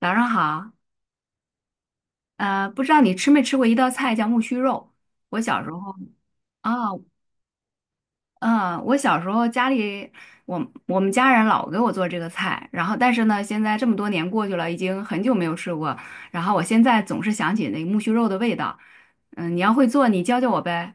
早上好，不知道你吃没吃过一道菜叫木须肉？我小时候啊。嗯，我小时候家里，我我们家人老给我做这个菜，然后但是呢，现在这么多年过去了，已经很久没有吃过，然后我现在总是想起那个木须肉的味道。嗯，你要会做，你教教我呗。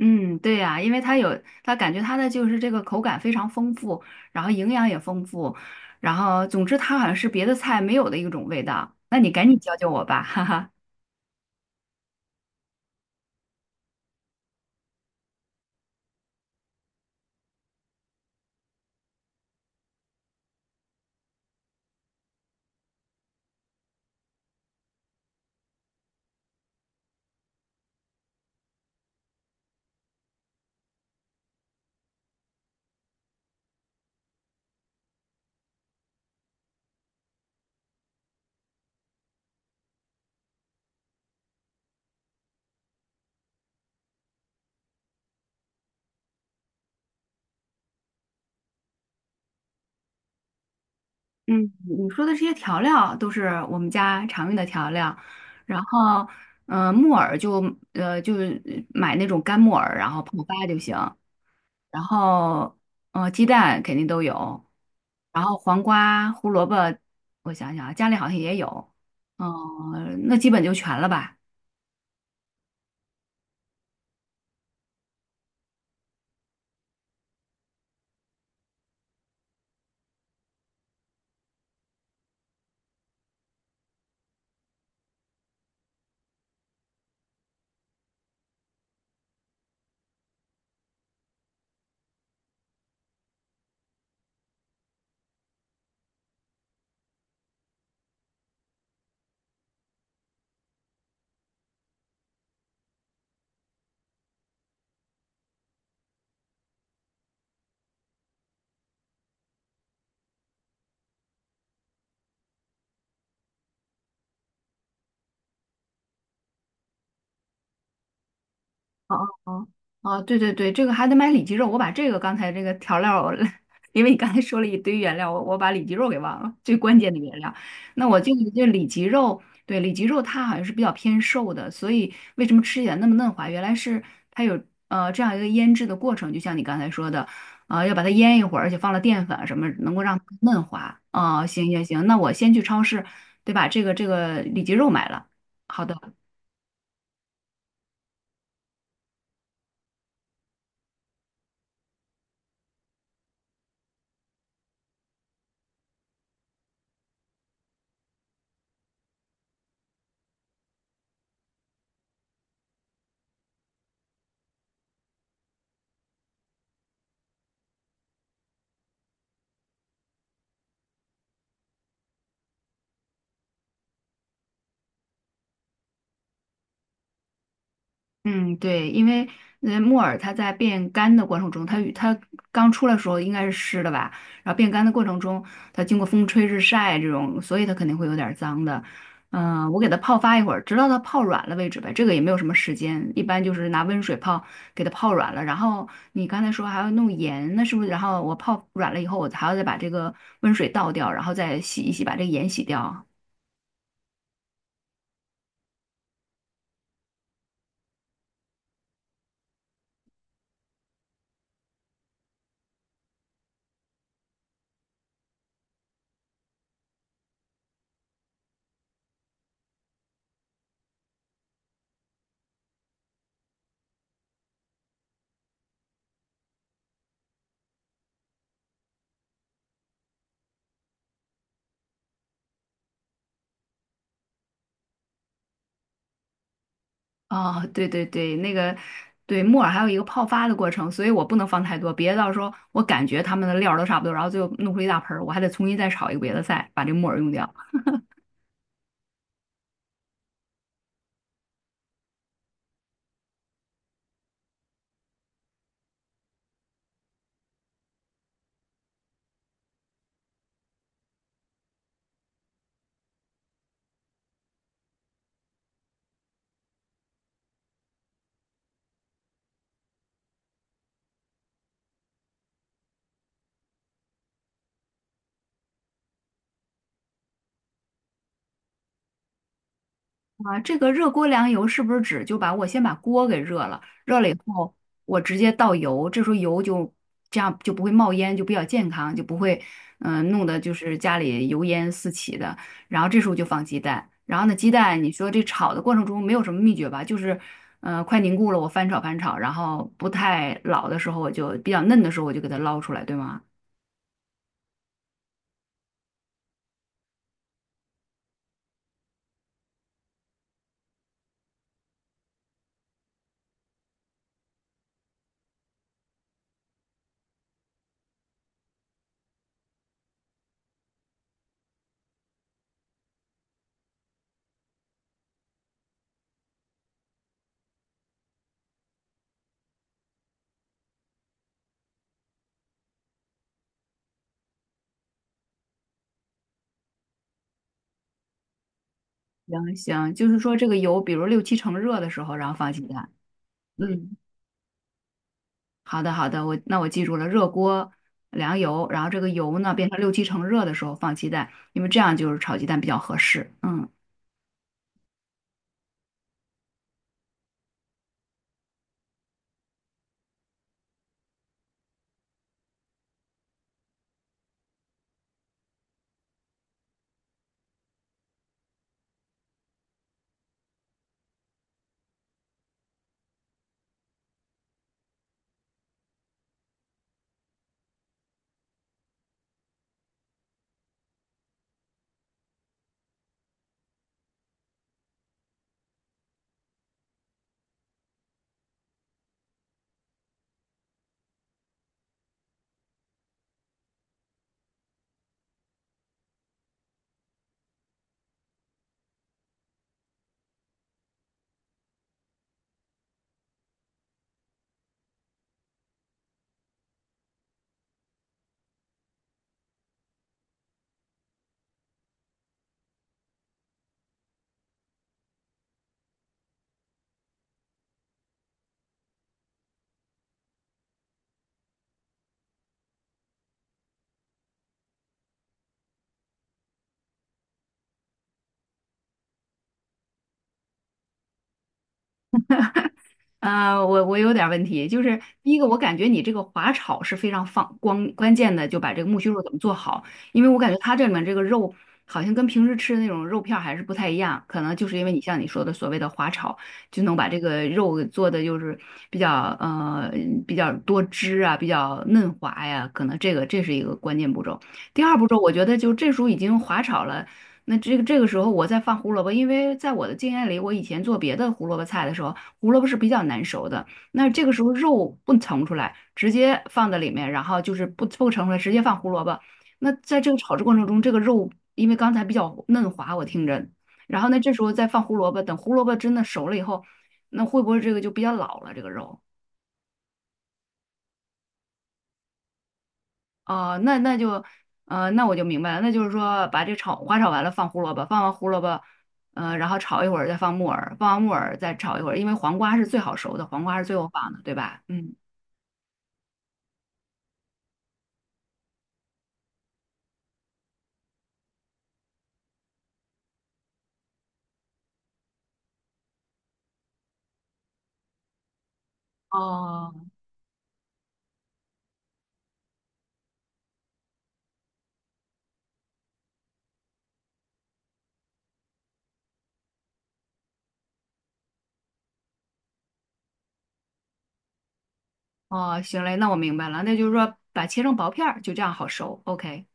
嗯，对呀，因为它有，它感觉它的就是这个口感非常丰富，然后营养也丰富，然后总之它好像是别的菜没有的一种味道。那你赶紧教教我吧，哈哈。嗯，你说的这些调料都是我们家常用的调料。然后，木耳就呃就是买那种干木耳，然后泡发就行。然后，鸡蛋肯定都有。然后黄瓜、胡萝卜，我想想啊，家里好像也有。嗯、那基本就全了吧。哦哦哦，对对对，这个还得买里脊肉，我把这个刚才这个调料儿 因为你刚才说了一堆原料，我把里脊肉给忘了，最关键的原料。那我就这里脊肉。对，里脊肉它好像是比较偏瘦的，所以为什么吃起来那么嫩滑？原来是它有这样一个腌制的过程，就像你刚才说的，要把它腌一会儿，而且放了淀粉啊什么，能够让它嫩滑。哦，行行行，那我先去超市，对吧？这个这个里脊肉买了，好的。嗯，对，因为木耳它在变干的过程中，它与它刚出来的时候应该是湿的吧，然后变干的过程中，它经过风吹日晒这种，所以它肯定会有点儿脏的。我给它泡发一会儿，直到它泡软了为止呗。这个也没有什么时间，一般就是拿温水泡，给它泡软了。然后你刚才说还要弄盐，那是不是？然后我泡软了以后，我还要再把这个温水倒掉，然后再洗一洗，把这个盐洗掉。哦，对对对，那个对木耳还有一个泡发的过程，所以我不能放太多，别到时候我感觉它们的料儿都差不多，然后最后弄出一大盆儿，我还得重新再炒一个别的菜，把这木耳用掉。啊，这个热锅凉油是不是指就把我先把锅给热了，热了以后我直接倒油，这时候油就这样就不会冒烟，就比较健康，就不会弄得就是家里油烟四起的。然后这时候就放鸡蛋，然后呢鸡蛋你说这炒的过程中没有什么秘诀吧，就是嗯快凝固了我翻炒翻炒，然后不太老的时候我就比较嫩的时候我就给它捞出来，对吗？行行，就是说这个油比如六七成热的时候，然后放鸡蛋，嗯。好的，好的，我那我记住了，热锅凉油，然后这个油呢变成六七成热的时候放鸡蛋，因为这样就是炒鸡蛋比较合适。嗯。啊，我有点问题，就是第一个，我感觉你这个滑炒是非常放光关键的，就把这个木须肉怎么做好，因为我感觉它这里面这个肉好像跟平时吃的那种肉片儿还是不太一样，可能就是因为你像你说的所谓的滑炒，就能把这个肉给做的就是比较呃比较多汁啊，比较嫩滑呀，可能这个这是一个关键步骤。第二步骤，我觉得就这时候已经滑炒了。那这个这个时候我再放胡萝卜，因为在我的经验里，我以前做别的胡萝卜菜的时候，胡萝卜是比较难熟的，那这个时候肉不盛出来，直接放在里面，然后就是不盛出来，直接放胡萝卜。那在这个炒制过程中，这个肉因为刚才比较嫩滑，我听着，然后呢，这时候再放胡萝卜，等胡萝卜真的熟了以后，那会不会这个就比较老了这个肉？哦、那那就，那我就明白了，那就是说把这炒花炒完了放胡萝卜，放完胡萝卜，然后炒一会儿再放木耳，放完木耳再炒一会儿，因为黄瓜是最好熟的，黄瓜是最后放的，对吧？嗯。哦，哦，行嘞，那我明白了，那就是说把切成薄片儿，就这样好熟。OK。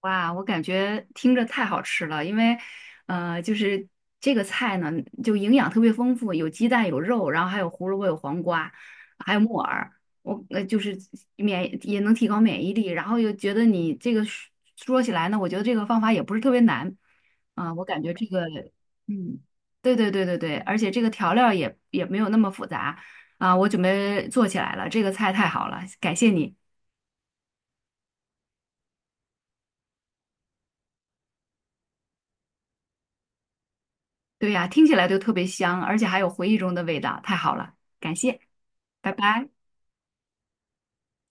哇，我感觉听着太好吃了，就是这个菜呢，就营养特别丰富，有鸡蛋，有肉，然后还有胡萝卜，有黄瓜，还有木耳，我就是也能提高免疫力，然后又觉得你这个说起来呢，我觉得这个方法也不是特别难。我感觉这个，嗯，对对对对对，而且这个调料也没有那么复杂。我准备做起来了，这个菜太好了，感谢你。对呀，听起来就特别香，而且还有回忆中的味道，太好了，感谢，拜拜。